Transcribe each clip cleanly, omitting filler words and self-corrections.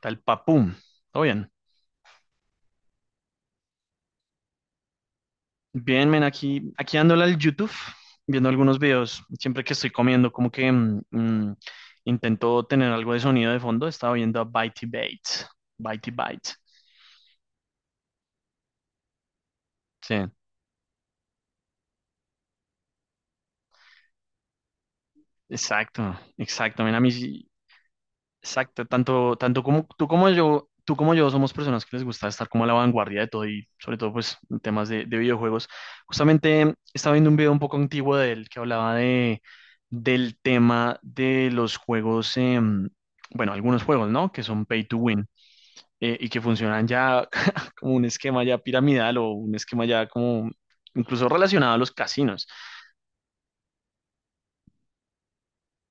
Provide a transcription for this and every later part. Tal papum. ¿Todo bien? Bien, men, aquí dándole al YouTube, viendo algunos videos. Siempre que estoy comiendo, como que intento tener algo de sonido de fondo. Estaba viendo a Bitey Bates. Bitey Bytes. Sí, exacto, exacto. Men, a mí sí- Exacto, tanto, tanto como tú como yo somos personas que les gusta estar como a la vanguardia de todo y sobre todo pues en temas de videojuegos. Justamente estaba viendo un video un poco antiguo de él que hablaba del tema de los juegos, bueno, algunos juegos, ¿no? Que son pay to win y que funcionan ya como un esquema ya piramidal o un esquema ya como incluso relacionado a los casinos.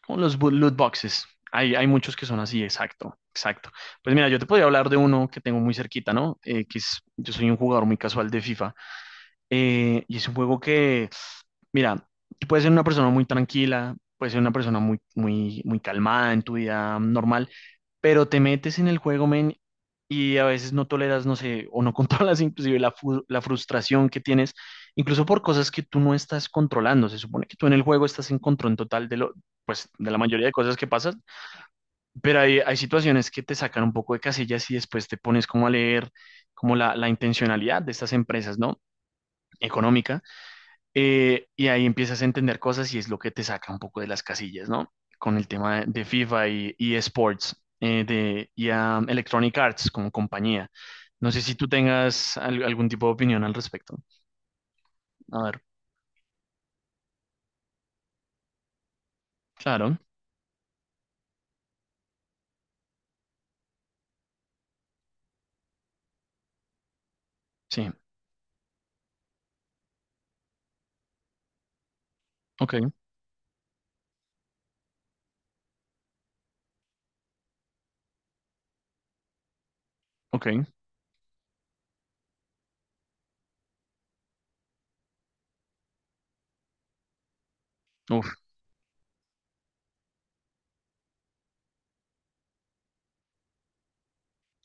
Como los loot boxes. Hay muchos que son así, exacto, exacto. Pues mira, yo te podría hablar de uno que tengo muy cerquita, ¿no? Yo soy un jugador muy casual de FIFA. Y es un juego que, mira, tú puedes ser una persona muy tranquila, puedes ser una persona muy, muy, muy calmada en tu vida normal, pero te metes en el juego, men, y a veces no toleras, no sé, o no controlas inclusive la frustración que tienes, incluso por cosas que tú no estás controlando. Se supone que tú en el juego estás en control total pues, de la mayoría de cosas que pasan, pero hay situaciones que te sacan un poco de casillas y después te pones como a leer como la intencionalidad de estas empresas, ¿no? Económica y ahí empiezas a entender cosas y es lo que te saca un poco de las casillas, ¿no? Con el tema de FIFA y esports, y a Electronic Arts como compañía. No sé si tú tengas algún tipo de opinión al respecto. A ver, claro, sí, ok, ok. Uf,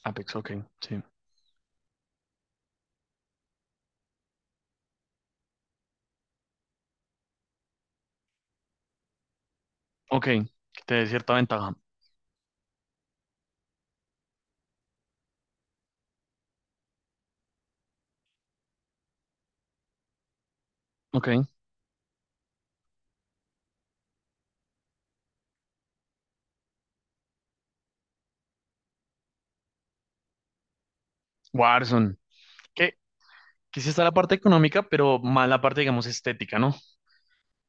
Apex, ok, sí. Ok, que te dé cierta ventaja. Ok, Warzone. Que, que sí está la parte económica, pero más la parte, digamos, estética, ¿no?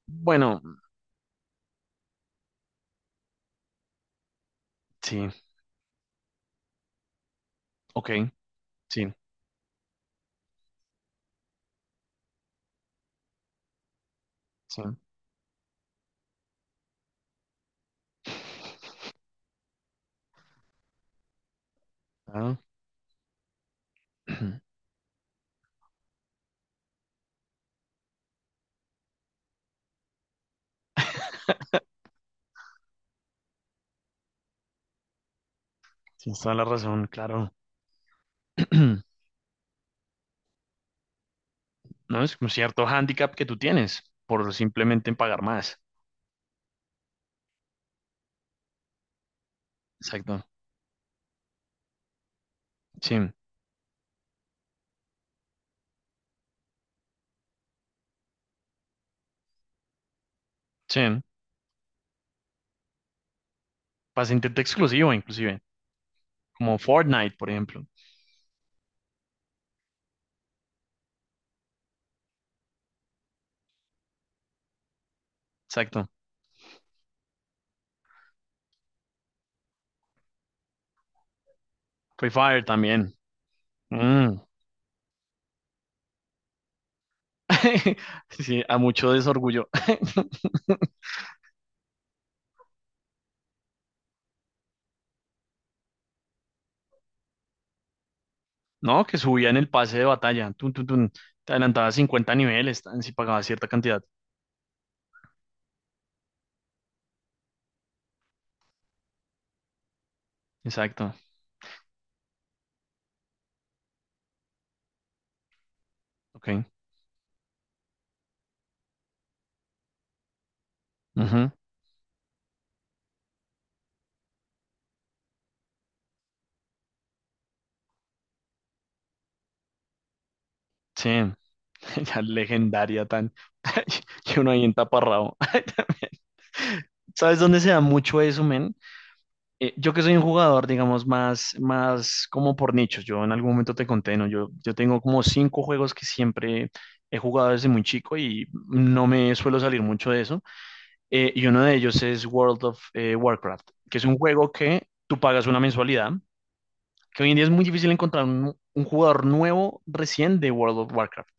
Bueno, sí, ok, sí, sí. Ah. Tienes toda la razón, claro. No es como cierto hándicap que tú tienes por simplemente pagar más. Exacto. Sí, sí. Para intento exclusivo, inclusive. Como Fortnite, por ejemplo. Exacto. Free Fire también. Mm. Sí, a mucho desorgullo. No, que subían el pase de batalla. Tun, tun, tun. Te adelantabas 50 niveles tan, si pagabas cierta cantidad. Exacto. Ok. Ujú. Sí. La legendaria tan. Y uno ahí entaparrado. ¿Sabes dónde se da mucho eso, men? Yo que soy un jugador, digamos, más, más como por nichos. Yo en algún momento te conté, ¿no? Yo tengo como cinco juegos que siempre he jugado desde muy chico y no me suelo salir mucho de eso. Y uno de ellos es World of Warcraft, que es un juego que tú pagas una mensualidad, que hoy en día es muy difícil encontrar un jugador nuevo recién de World of Warcraft,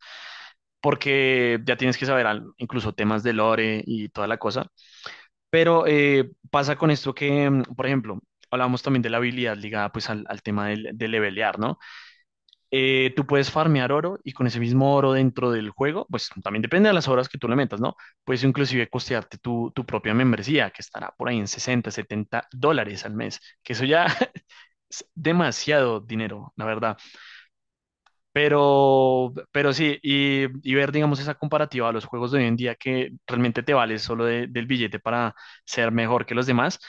porque ya tienes que saber incluso temas de lore y toda la cosa. Pero pasa con esto que, por ejemplo, hablábamos también de la habilidad ligada pues al tema de levelear, ¿no? Tú puedes farmear oro y con ese mismo oro dentro del juego, pues también depende de las horas que tú le metas, ¿no? Puedes inclusive costearte tu propia membresía, que estará por ahí en $60, $70 al mes, que eso ya es demasiado dinero, la verdad. Pero sí, y ver, digamos, esa comparativa a los juegos de hoy en día que realmente te vale solo del billete para ser mejor que los demás,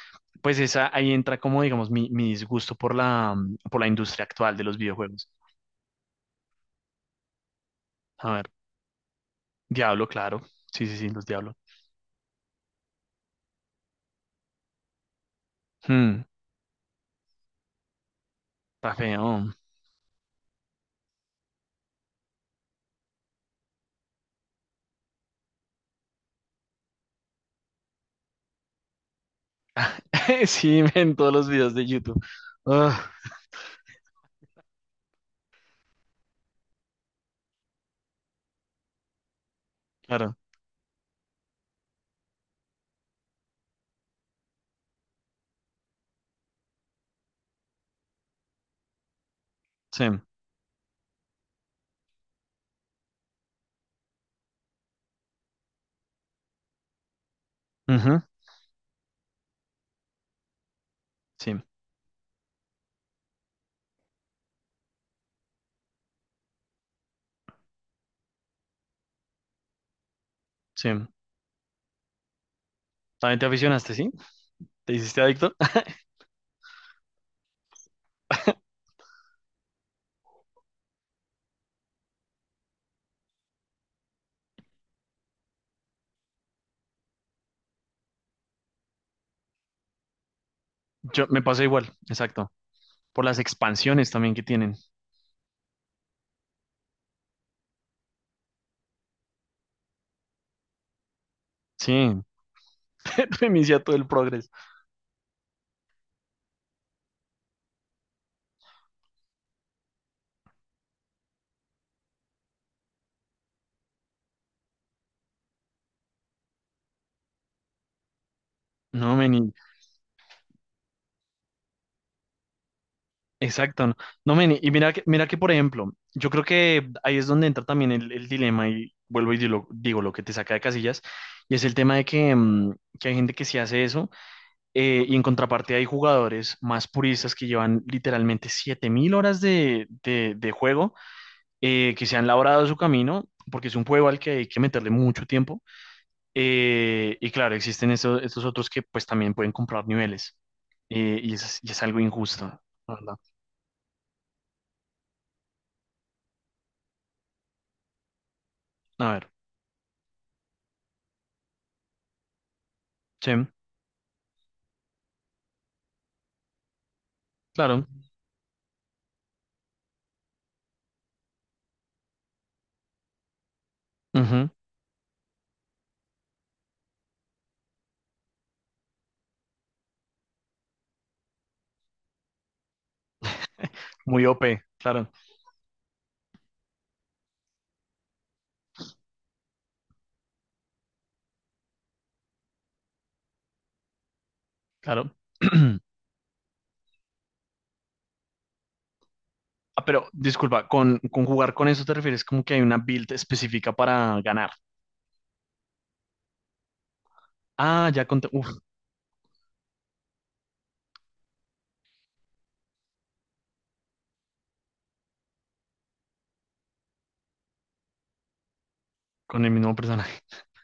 pues esa, ahí entra como, digamos, mi disgusto por la industria actual de los videojuegos. A ver, Diablo, claro. Sí, sí, sí, los Diablo. Hmm, está feo. Sí, en todos los videos de YouTube. Ah, claro, sí. Ujú, sí, sí. También te aficionaste, ¿sí? ¿Te hiciste adicto? Yo me pasó igual, exacto. Por las expansiones también que tienen. Sí, reinicia todo el progreso. No, meni, exacto. No, no, meni, y mira que, por ejemplo, yo creo que ahí es donde entra también el dilema y vuelvo y digo lo que te saca de casillas, y es el tema de que hay gente que sí hace eso, y en contraparte hay jugadores más puristas que llevan literalmente 7000 horas de juego, que se han labrado su camino, porque es un juego al que hay que meterle mucho tiempo. Y claro, existen estos otros que pues también pueden comprar niveles. Y es algo injusto, la ¿verdad? A ver, sí, claro. Ujú. Muy OP, claro, claro. Ah, pero disculpa, con jugar con eso te refieres como que hay una build específica para ganar. Ah, ya con, uf, con el mismo personaje.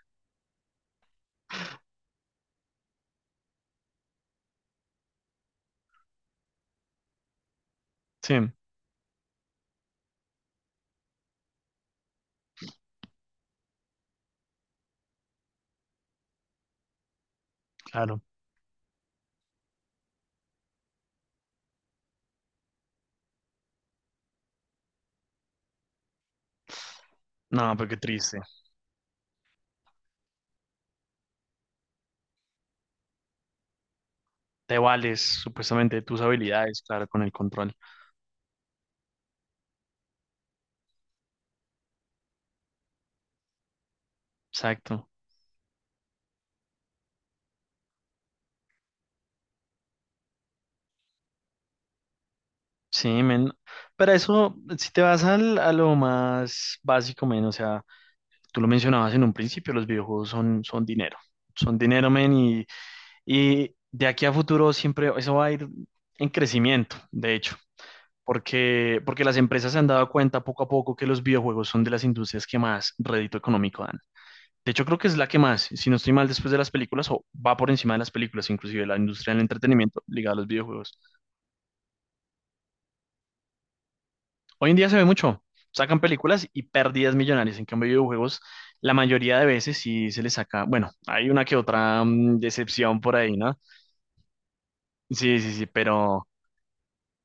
Sí, claro. No, pero qué triste. Te vales supuestamente de tus habilidades, claro, con el control. Exacto. Sí, men. Pero eso, si te vas a lo más básico, men, o sea, tú lo mencionabas en un principio, los videojuegos son dinero. Son dinero, men, y de aquí a futuro siempre eso va a ir en crecimiento, de hecho, porque, las empresas se han dado cuenta poco a poco que los videojuegos son de las industrias que más rédito económico dan. De hecho, creo que es la que más, si no estoy mal, después de las películas, o va por encima de las películas, inclusive la industria del entretenimiento ligada a los videojuegos. Hoy en día se ve mucho. Sacan películas y pérdidas millonarias. En cambio, videojuegos, la mayoría de veces sí se les saca. Bueno, hay una que otra decepción por ahí, ¿no? Sí, sí, sí, pero.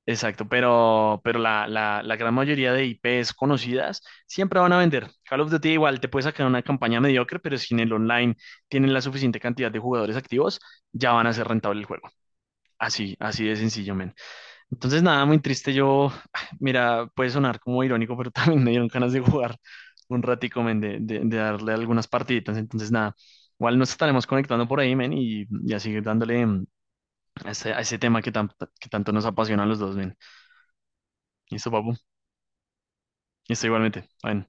Exacto, pero la gran mayoría de IPs conocidas siempre van a vender. Call of Duty igual te puede sacar una campaña mediocre, pero si en el online tienen la suficiente cantidad de jugadores activos, ya van a ser rentable el juego. Así de sencillo, men. Entonces, nada, muy triste. Yo, mira, puede sonar como irónico, pero también me dieron ganas de jugar un ratico, men, de darle algunas partiditas. Entonces, nada, igual nos estaremos conectando por ahí, men, y a seguir dándole a ese tema que, que tanto nos apasiona a los dos, men. Listo, papu. Listo, igualmente. Bueno.